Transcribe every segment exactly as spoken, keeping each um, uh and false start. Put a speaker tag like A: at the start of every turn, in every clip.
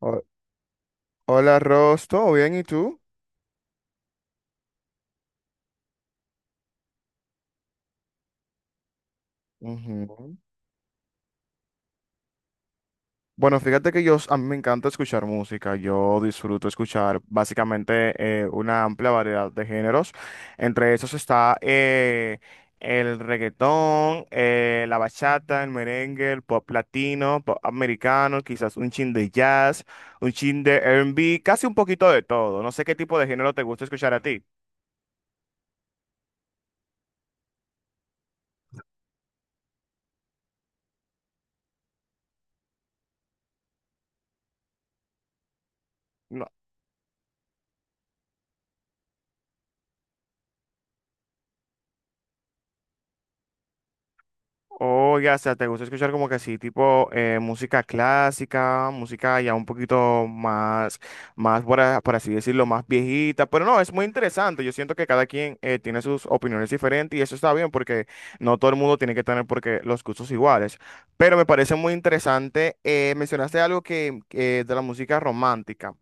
A: Ho- Hola, Ross, ¿todo bien? ¿Y tú? Ujú. Bueno, fíjate que yo, s- a mí me encanta escuchar música, yo disfruto escuchar básicamente eh, una amplia variedad de géneros, entre esos está eh, el reggaetón, eh, la bachata, el merengue, el pop latino, pop americano, quizás un chin de jazz, un chin de R and B, casi un poquito de todo, no sé qué tipo de género te gusta escuchar a ti. No, oiga, o sea, ¿te gusta escuchar como que sí tipo eh, música clásica, música ya un poquito más, más por, a- por así decirlo, ¿más viejita? Pero no, es muy interesante. Yo siento que cada quien eh, tiene sus opiniones diferentes y eso está bien porque no todo el mundo tiene que tener porque los gustos iguales. Pero me parece muy interesante. Eh, mencionaste algo que, que de la música romántica.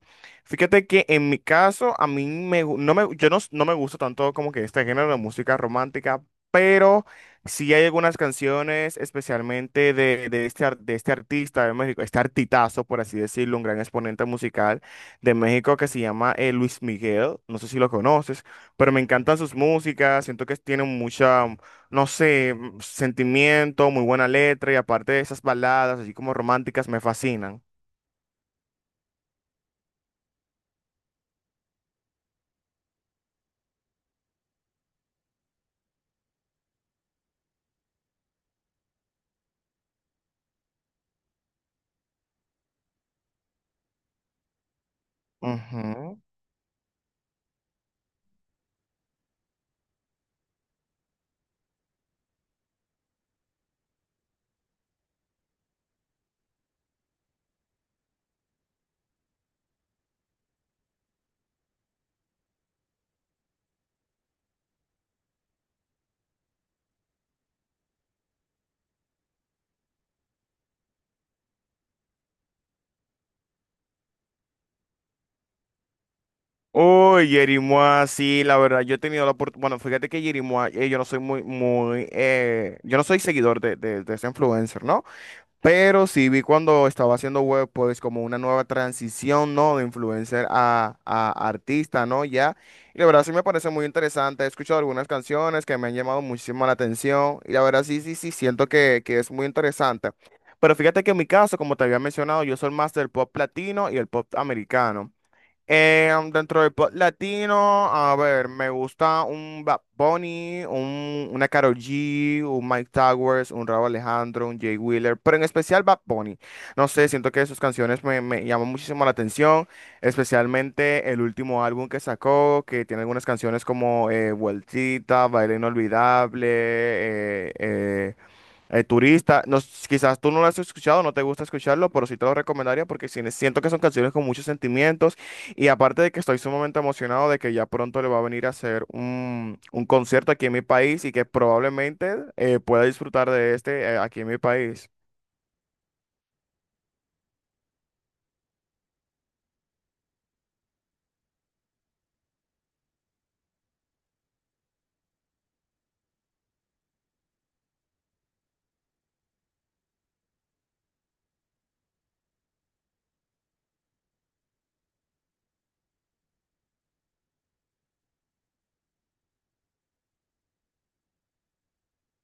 A: Fíjate que en mi caso, a mí me, gu- no me, yo no, no me gusta tanto como que este género de música romántica, pero... Sí hay algunas canciones, especialmente de, de este, ar- de este artista de México, este artitazo, por así decirlo, un gran exponente musical de México que se llama eh, Luis Miguel, no sé si lo conoces, pero me encantan sus músicas, siento que tienen mucha, mm, no sé, mm, sentimiento, muy buena letra y aparte de esas baladas, así como románticas, me fascinan. Ujú. Uy, Yerimoa, sí, la verdad, yo he tenido la oportunidad, bueno, fíjate que Yerimoa, eh, yo no soy muy, muy, eh, yo no soy seguidor de, de, de ese influencer, ¿no? Pero sí vi cuando estaba haciendo web, pues como una nueva transición, ¿no? De influencer a, a artista, ¿no? Ya. Y la verdad sí me parece muy interesante. He escuchado algunas canciones que me han llamado muchísimo la atención. Y la verdad sí, sí, sí, siento que, que es muy interesante. Pero fíjate que en mi caso, como te había mencionado, yo soy más del pop latino y el pop americano. Eh, dentro del pop latino, a ver, me gusta un Bad Bunny, un, una Karol G, un Mike Towers, un Rauw Alejandro, un Jay Wheeler, pero en especial Bad Bunny. No sé, siento que sus canciones me, me llaman muchísimo la atención, especialmente el último álbum que sacó, que tiene algunas canciones como eh, Vueltita, Baile Inolvidable, eh, eh, eh, turista, no, s- quizás tú no lo has escuchado, no te gusta escucharlo, pero sí te lo recomendaría porque sí- siento que son canciones con muchos sentimientos y aparte de que estoy sumamente emocionado de que ya pronto le va a venir a hacer un, un concierto aquí en mi país y que probablemente eh, pueda disfrutar de este eh, aquí en mi país.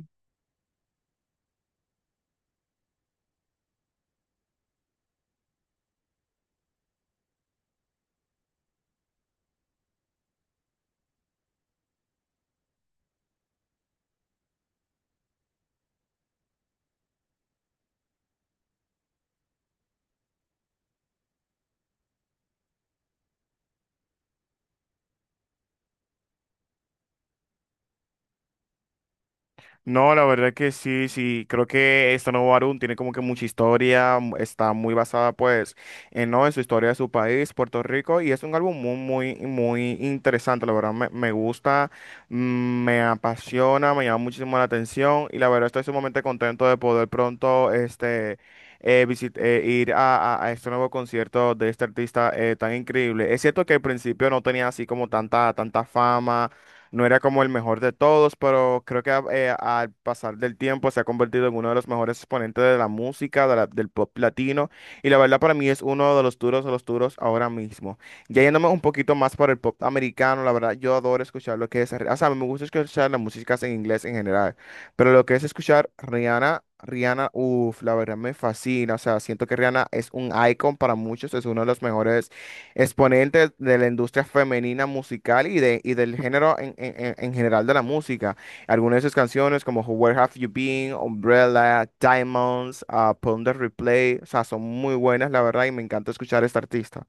A: No, la verdad que sí, sí, creo que esta nueva Arun tiene como que mucha historia, m- está muy basada pues en, ¿no? en su historia de su país, Puerto Rico, y es un álbum muy, muy, muy interesante, la verdad me, me gusta, mm, me apasiona, me llama muchísimo la atención y la verdad estoy sumamente contento de poder pronto este, eh, visit- eh, ir a, a- a este nuevo concierto de este artista eh, tan increíble. Es cierto que al principio no tenía así como tanta, tanta fama. No era como el mejor de todos, pero creo que a- eh, al pasar del tiempo se ha convertido en uno de los mejores exponentes de la música, de la- del pop latino. Y la verdad para mí es uno de los duros de los duros ahora mismo. Ya yéndome un poquito más por el pop americano, la verdad yo adoro escuchar lo que es... O sea, me gusta escuchar las músicas en inglés en general, pero lo que es escuchar Rihanna, Rihanna, uff, la verdad me fascina. O sea, siento que Rihanna es un icon para muchos, es uno de los mejores exponente de la industria femenina musical y, de, y del género en, en- en- en general de la música. Algunas de sus canciones como Where Have You Been, Umbrella, Diamonds, ah, Pon Replay, o sea, son muy buenas, la verdad, y me encanta escuchar a esta artista.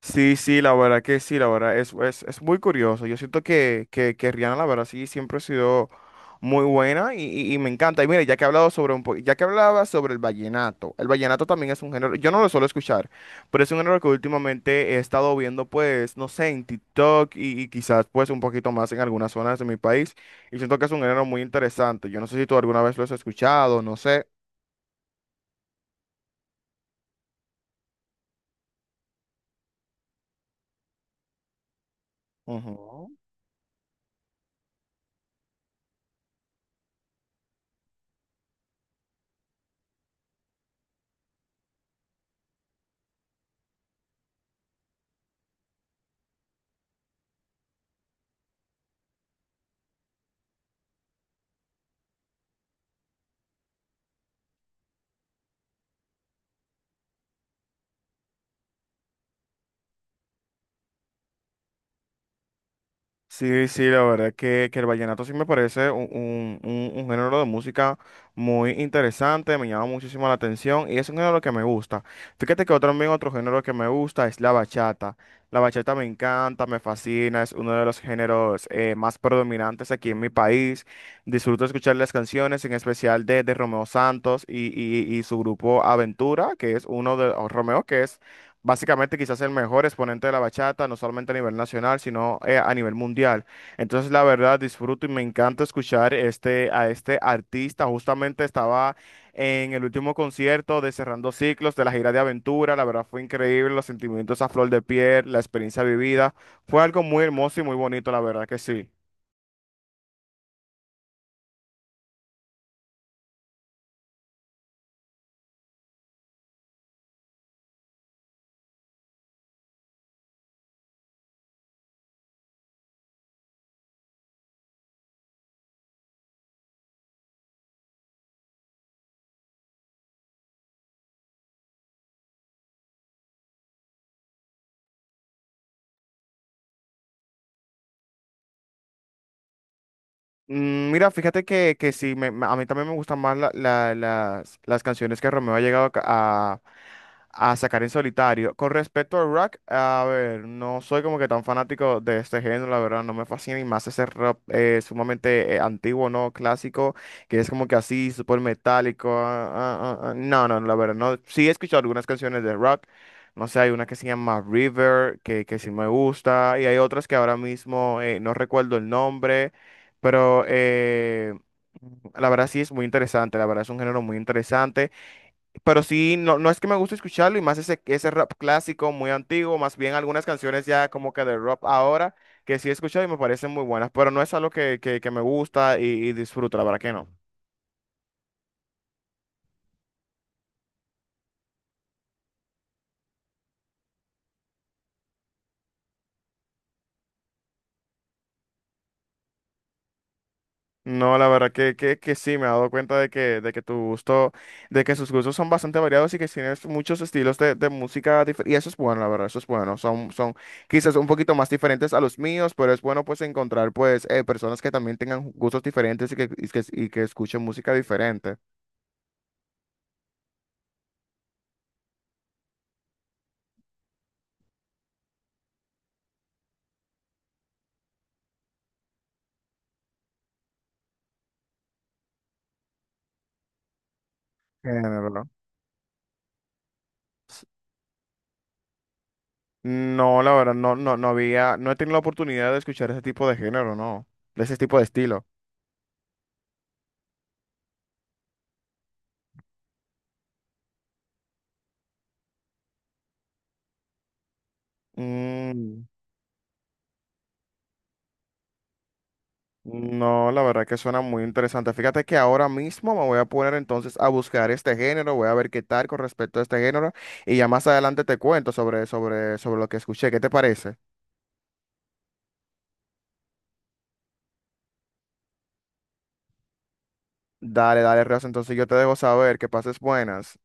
A: Sí, sí, la verdad que sí, la verdad es, es, es muy curioso. Yo siento que, que, que Rihanna, la verdad, sí, siempre ha sido muy buena y, y- y me encanta. Y mira, ya que he hablado sobre un po- ya que hablaba sobre el vallenato, el vallenato también es un género, yo no lo suelo escuchar, pero es un género que últimamente he estado viendo, pues, no sé, en TikTok y, y quizás, pues, un poquito más en algunas zonas de mi país. Y siento que es un género muy interesante. Yo no sé si tú alguna vez lo has escuchado, no sé. Ujú. Sí, sí, la verdad que, que el vallenato sí me parece un, un- un- un género de música muy interesante, me llama muchísimo la atención y es un género que me gusta. Fíjate que otro, también otro género que me gusta es la bachata. La bachata me encanta, me fascina, es uno de los géneros eh, más predominantes aquí en mi país. Disfruto escuchar las canciones, en especial de, de Romeo Santos y, y- y su grupo Aventura, que es uno de, o Romeo, que es básicamente quizás el mejor exponente de la bachata, no solamente a nivel nacional, sino eh, a nivel mundial. Entonces, la verdad, disfruto y me encanta escuchar este, a este artista. Justamente estaba en el último concierto de Cerrando Ciclos de la gira de Aventura. La verdad fue increíble, los sentimientos a flor de piel, la experiencia vivida. Fue algo muy hermoso y muy bonito, la verdad que sí. Mm, mira, fíjate que, que sí, me- me- a mí también me gustan más la- la- las, las canciones que Romeo ha llegado a, ca- a- a sacar en solitario. Con respecto al rock, a ver, no soy como que tan fanático de este género, la verdad, no me fascina y más ese rock eh, sumamente eh, antiguo, ¿no? Clásico, que es como que así, súper metálico. ah, ah, ah, ah, No, no, la verdad, no. Sí he escuchado algunas canciones de rock. No sé, hay una que se llama River, que, que sí me gusta, y hay otras que ahora mismo eh, no recuerdo el nombre. Pero eh, la verdad sí es muy interesante, la verdad es un género muy interesante. Pero sí, no, no es que me guste escucharlo y más ese, ese rap clásico muy antiguo, más bien algunas canciones ya como que de rap ahora, que sí he escuchado y me parecen muy buenas, pero no es algo que, que, que me gusta y, y disfruto, la verdad que no. No, la verdad que, que, que sí, me he dado cuenta de que, de que tu gusto, de que sus gustos son bastante variados y que tienes muchos estilos de, de música dif- Y eso es bueno, la verdad, eso es bueno. Son, son quizás un poquito más diferentes a los míos, pero es bueno pues encontrar pues eh, personas que también tengan gustos diferentes y que, y que, y que escuchen música diferente. Género, ¿no? S- No, la verdad, no, no, no había, no he tenido la oportunidad de escuchar ese tipo de género, no, de ese tipo de estilo. Mm. No, la verdad que suena muy interesante. Fíjate que ahora mismo me voy a poner entonces a buscar este género, voy a ver qué tal con respecto a este género y ya más adelante te cuento sobre, sobre, sobre lo que escuché. ¿Qué te parece? Dale, dale, Reos, entonces yo te dejo saber, que pases buenas.